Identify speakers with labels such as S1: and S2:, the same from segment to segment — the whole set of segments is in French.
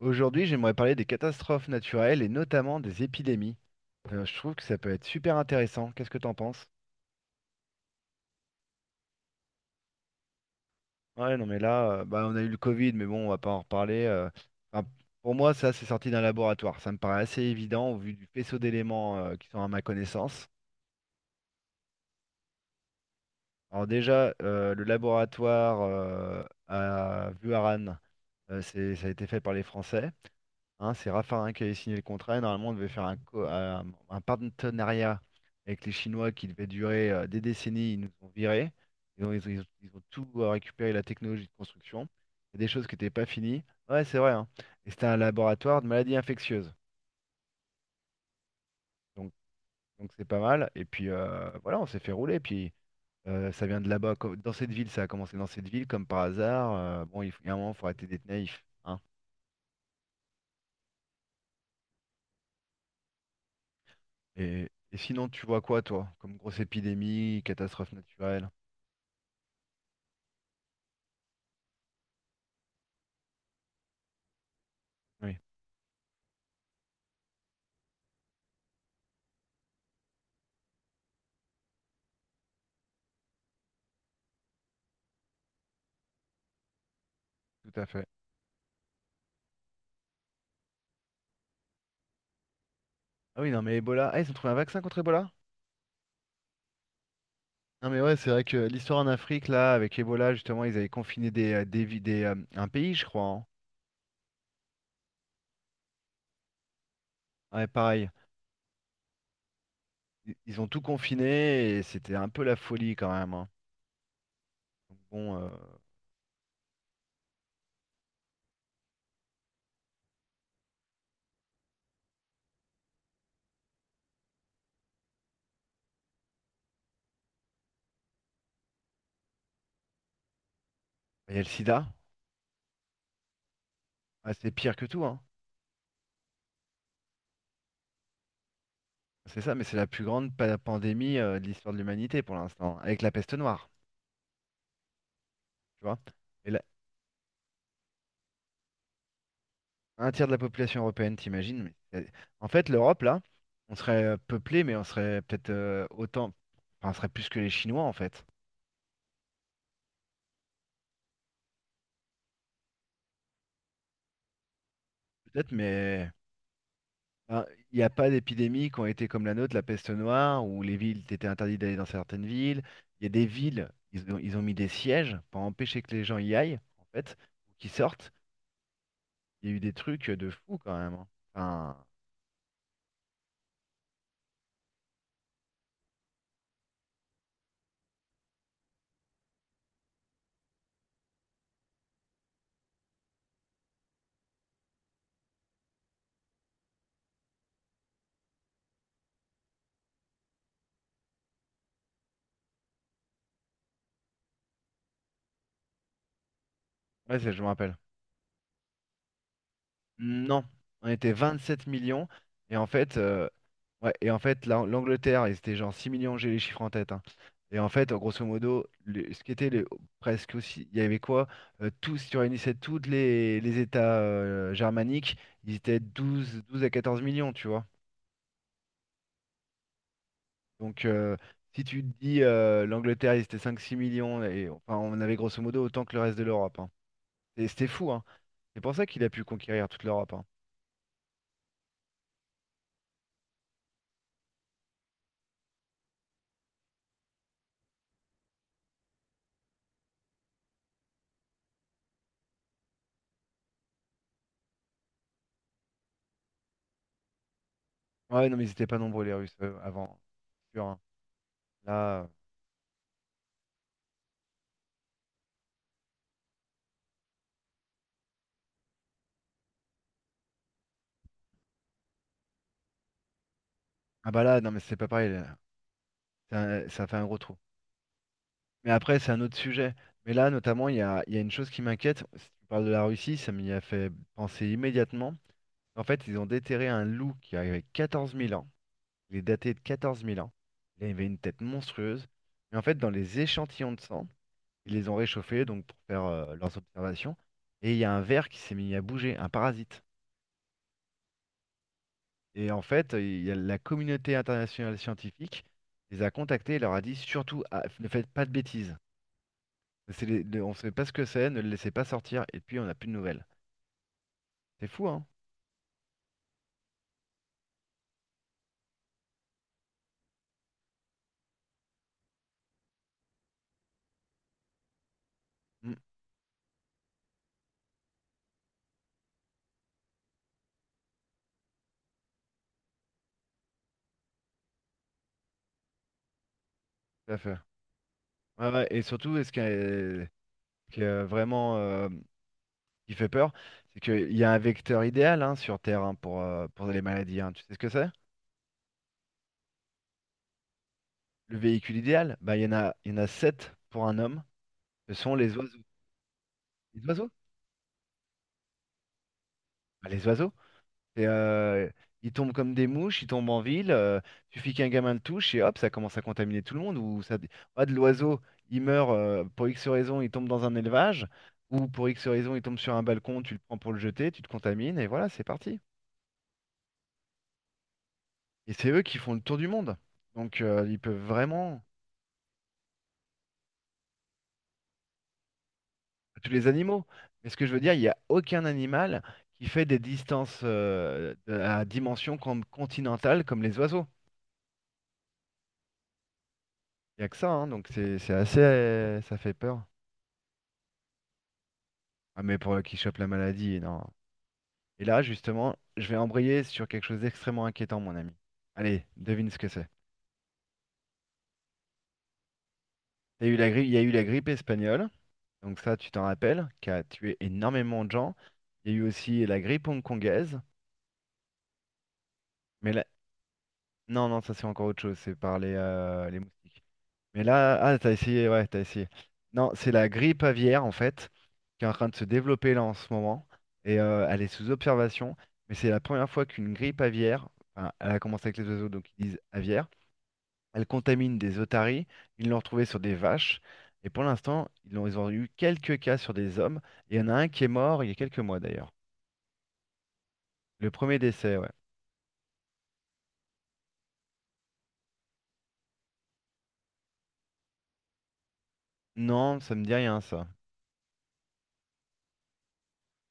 S1: Aujourd'hui, j'aimerais parler des catastrophes naturelles et notamment des épidémies. Je trouve que ça peut être super intéressant. Qu'est-ce que t'en penses? Ouais, non, mais là, bah, on a eu le Covid, mais bon, on va pas en reparler. Enfin, pour moi, ça, c'est sorti d'un laboratoire. Ça me paraît assez évident au vu du faisceau d'éléments qui sont à ma connaissance. Alors déjà, le laboratoire à Vuaran, ça a été fait par les Français. Hein, c'est Raffarin qui avait signé le contrat. Et normalement, on devait faire un partenariat avec les Chinois qui devait durer des décennies. Ils nous ont virés. Ils ont tout récupéré, la technologie de construction. Il y a des choses qui n'étaient pas finies. Ouais, c'est vrai, hein. Et c'était un laboratoire de maladies infectieuses. Donc, donc c'est pas mal. Et puis, voilà, on s'est fait rouler. Puis, ça vient de là-bas. Dans cette ville, ça a commencé dans cette ville, comme par hasard. Bon, il faut, il y a un moment, il faut arrêter d'être naïf, hein. Et sinon, tu vois quoi, toi, comme grosse épidémie, catastrophe naturelle? Oui, tout à fait. Ah oui, non, mais Ebola. Ah, ils ont trouvé un vaccin contre Ebola? Non, mais ouais, c'est vrai que l'histoire en Afrique, là, avec Ebola, justement, ils avaient confiné un pays, je crois, hein. Ouais, pareil. Ils ont tout confiné et c'était un peu la folie quand même, hein. Donc bon, bah, il y a le sida. Ah, c'est pire que tout, hein. C'est ça, mais c'est la plus grande pandémie de l'histoire de l'humanité pour l'instant, avec la peste noire, tu vois. Et là, un tiers de la population européenne, t'imagines? c'est- En fait, l'Europe, là, on serait peuplé, mais on serait peut-être autant. Enfin, on serait plus que les Chinois, en fait. Peut-être, mais enfin, il n'y a pas d'épidémies qui ont été comme la nôtre, la peste noire, où les villes étaient interdites d'aller dans certaines villes. Il y a des villes, ils ont mis des sièges pour empêcher que les gens y aillent, en fait, ou qu'ils sortent. Il y a eu des trucs de fou quand même, hein. Enfin, ouais, ça, je me rappelle. Non, on était 27 millions. Et en fait, ouais, et en fait l'Angleterre, ils étaient genre 6 millions, j'ai les chiffres en tête, hein. Et en fait, grosso modo, ce qui était presque aussi, il y avait quoi? Tous, si tu réunissais tous les États germaniques, ils étaient douze à 14 millions, tu vois. Donc, si tu te dis l'Angleterre, ils étaient 5-6 millions, et enfin, on avait grosso modo autant que le reste de l'Europe, hein. Et c'était fou, hein. C'est pour ça qu'il a pu conquérir toute l'Europe, hein. Ouais, non, mais ils n'étaient pas nombreux, les Russes, avant. Sûr, hein. Là, ah bah là, non mais c'est pas pareil, là. Ça fait un gros trou. Mais après, c'est un autre sujet. Mais là, notamment, il y a une chose qui m'inquiète. Si tu parles de la Russie, ça m'y a fait penser immédiatement. En fait, ils ont déterré un loup qui avait 14 000 ans. Il est daté de 14 000 ans. Il avait une tête monstrueuse. Mais en fait, dans les échantillons de sang, ils les ont réchauffés donc pour faire leurs observations. Et il y a un ver qui s'est mis à bouger, un parasite. Et en fait, il y a la communauté internationale scientifique les a contactés et leur a dit surtout, ah, ne faites pas de bêtises. On ne sait pas ce que c'est, ne le laissez pas sortir. Et puis, on n'a plus de nouvelles. C'est fou, hein? Mm, tout à fait. Ouais, ouais, et surtout, et ce qui est vraiment qui fait peur, c'est qu'il y a un vecteur idéal, hein, sur Terre, hein, pour les maladies, hein. Tu sais ce que c'est? Le véhicule idéal, bah, il y en a 7 pour un homme. Ce sont les oiseaux. Les oiseaux? Bah, les oiseaux. Et ils tombent comme des mouches, ils tombent en ville. Suffit qu'un gamin le touche et hop, ça commence à contaminer tout le monde. Ou ça, ah, de l'oiseau, il meurt pour X raison, il tombe dans un élevage. Ou pour X raison, il tombe sur un balcon, tu le prends pour le jeter, tu te contamines et voilà, c'est parti. Et c'est eux qui font le tour du monde. Donc ils peuvent vraiment. Tous les animaux. Mais ce que je veux dire, il n'y a aucun animal qui fait des distances à dimension continentale comme les oiseaux. Il n'y a que ça, hein, donc c'est assez. Ça fait peur. Ah, mais pour qui chope la maladie, non. Et là, justement, je vais embrayer sur quelque chose d'extrêmement inquiétant, mon ami. Allez, devine ce que c'est. T'as eu la grippe, il y a eu la grippe espagnole, donc ça, tu t'en rappelles, qui a tué énormément de gens. Il y a eu aussi la grippe hongkongaise, mais là, non, non, ça c'est encore autre chose, c'est par les moustiques. Mais là, ah, t'as essayé, ouais, t'as essayé. Non, c'est la grippe aviaire, en fait, qui est en train de se développer là en ce moment. Et elle est sous observation. Mais c'est la première fois qu'une grippe aviaire, enfin, elle a commencé avec les oiseaux, donc ils disent aviaire, elle contamine des otaries. Ils l'ont retrouvée sur des vaches. Et pour l'instant, ils ont eu quelques cas sur des hommes. Et il y en a un qui est mort il y a quelques mois d'ailleurs. Le premier décès, ouais. Non, ça me dit rien, ça.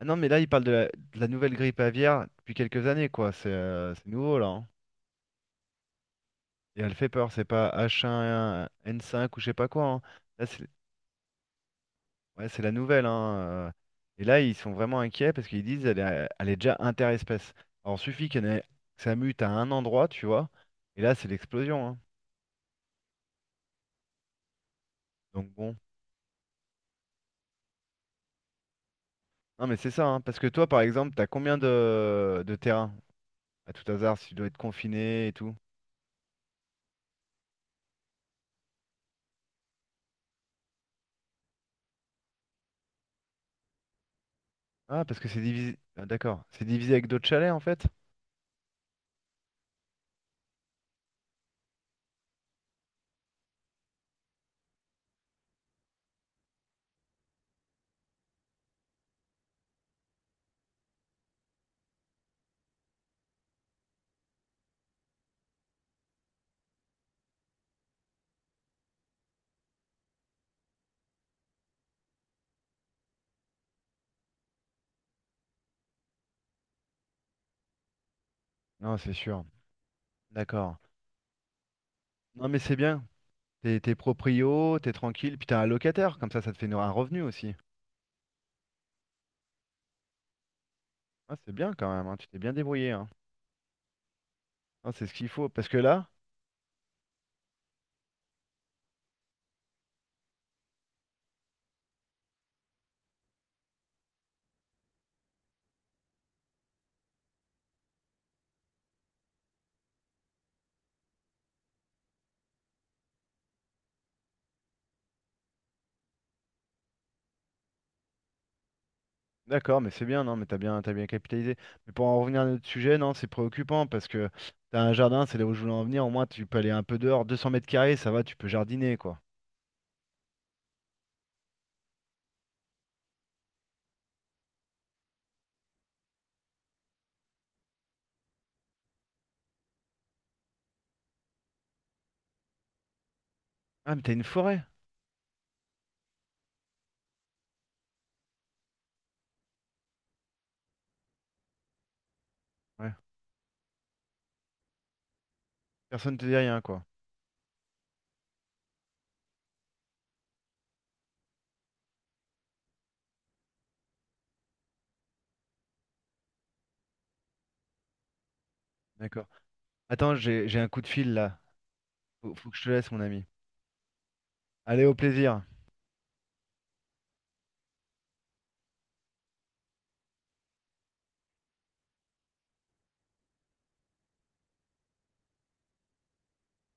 S1: Ah non, mais là, il parle de la nouvelle grippe aviaire depuis quelques années, quoi. C'est nouveau, là, hein. Et elle fait peur, c'est pas H1N5 ou je sais pas quoi, hein. Là, c'est ouais, c'est la nouvelle, hein, euh. Et là, ils sont vraiment inquiets parce qu'ils disent elle est déjà interespèce. Alors, suffit que ça mute à un endroit, tu vois. Et là, c'est l'explosion, hein. Donc, bon. Non, mais c'est ça, hein. Parce que toi, par exemple, t'as combien de terrains à tout hasard si tu dois être confiné et tout? Ah, parce que c'est divisé. Ah, d'accord. C'est divisé avec d'autres chalets, en fait? Non, c'est sûr. D'accord. Non, mais c'est bien. T'es proprio, t'es tranquille, puis t'as un locataire, comme ça ça te fait un revenu aussi. Ah, c'est bien quand même, hein, tu t'es bien débrouillé, hein. Ah, c'est ce qu'il faut, parce que là, d'accord, mais c'est bien, non, mais t'as bien capitalisé. Mais pour en revenir à notre sujet, non, c'est préoccupant, parce que t'as un jardin, c'est là où je voulais en venir, au moins tu peux aller un peu dehors, 200 mètres carrés, ça va, tu peux jardiner, quoi. Ah, mais t'as une forêt? Ouais, personne te dit rien, quoi. D'accord. Attends, j'ai un coup de fil là, faut que je te laisse, mon ami. Allez, au plaisir.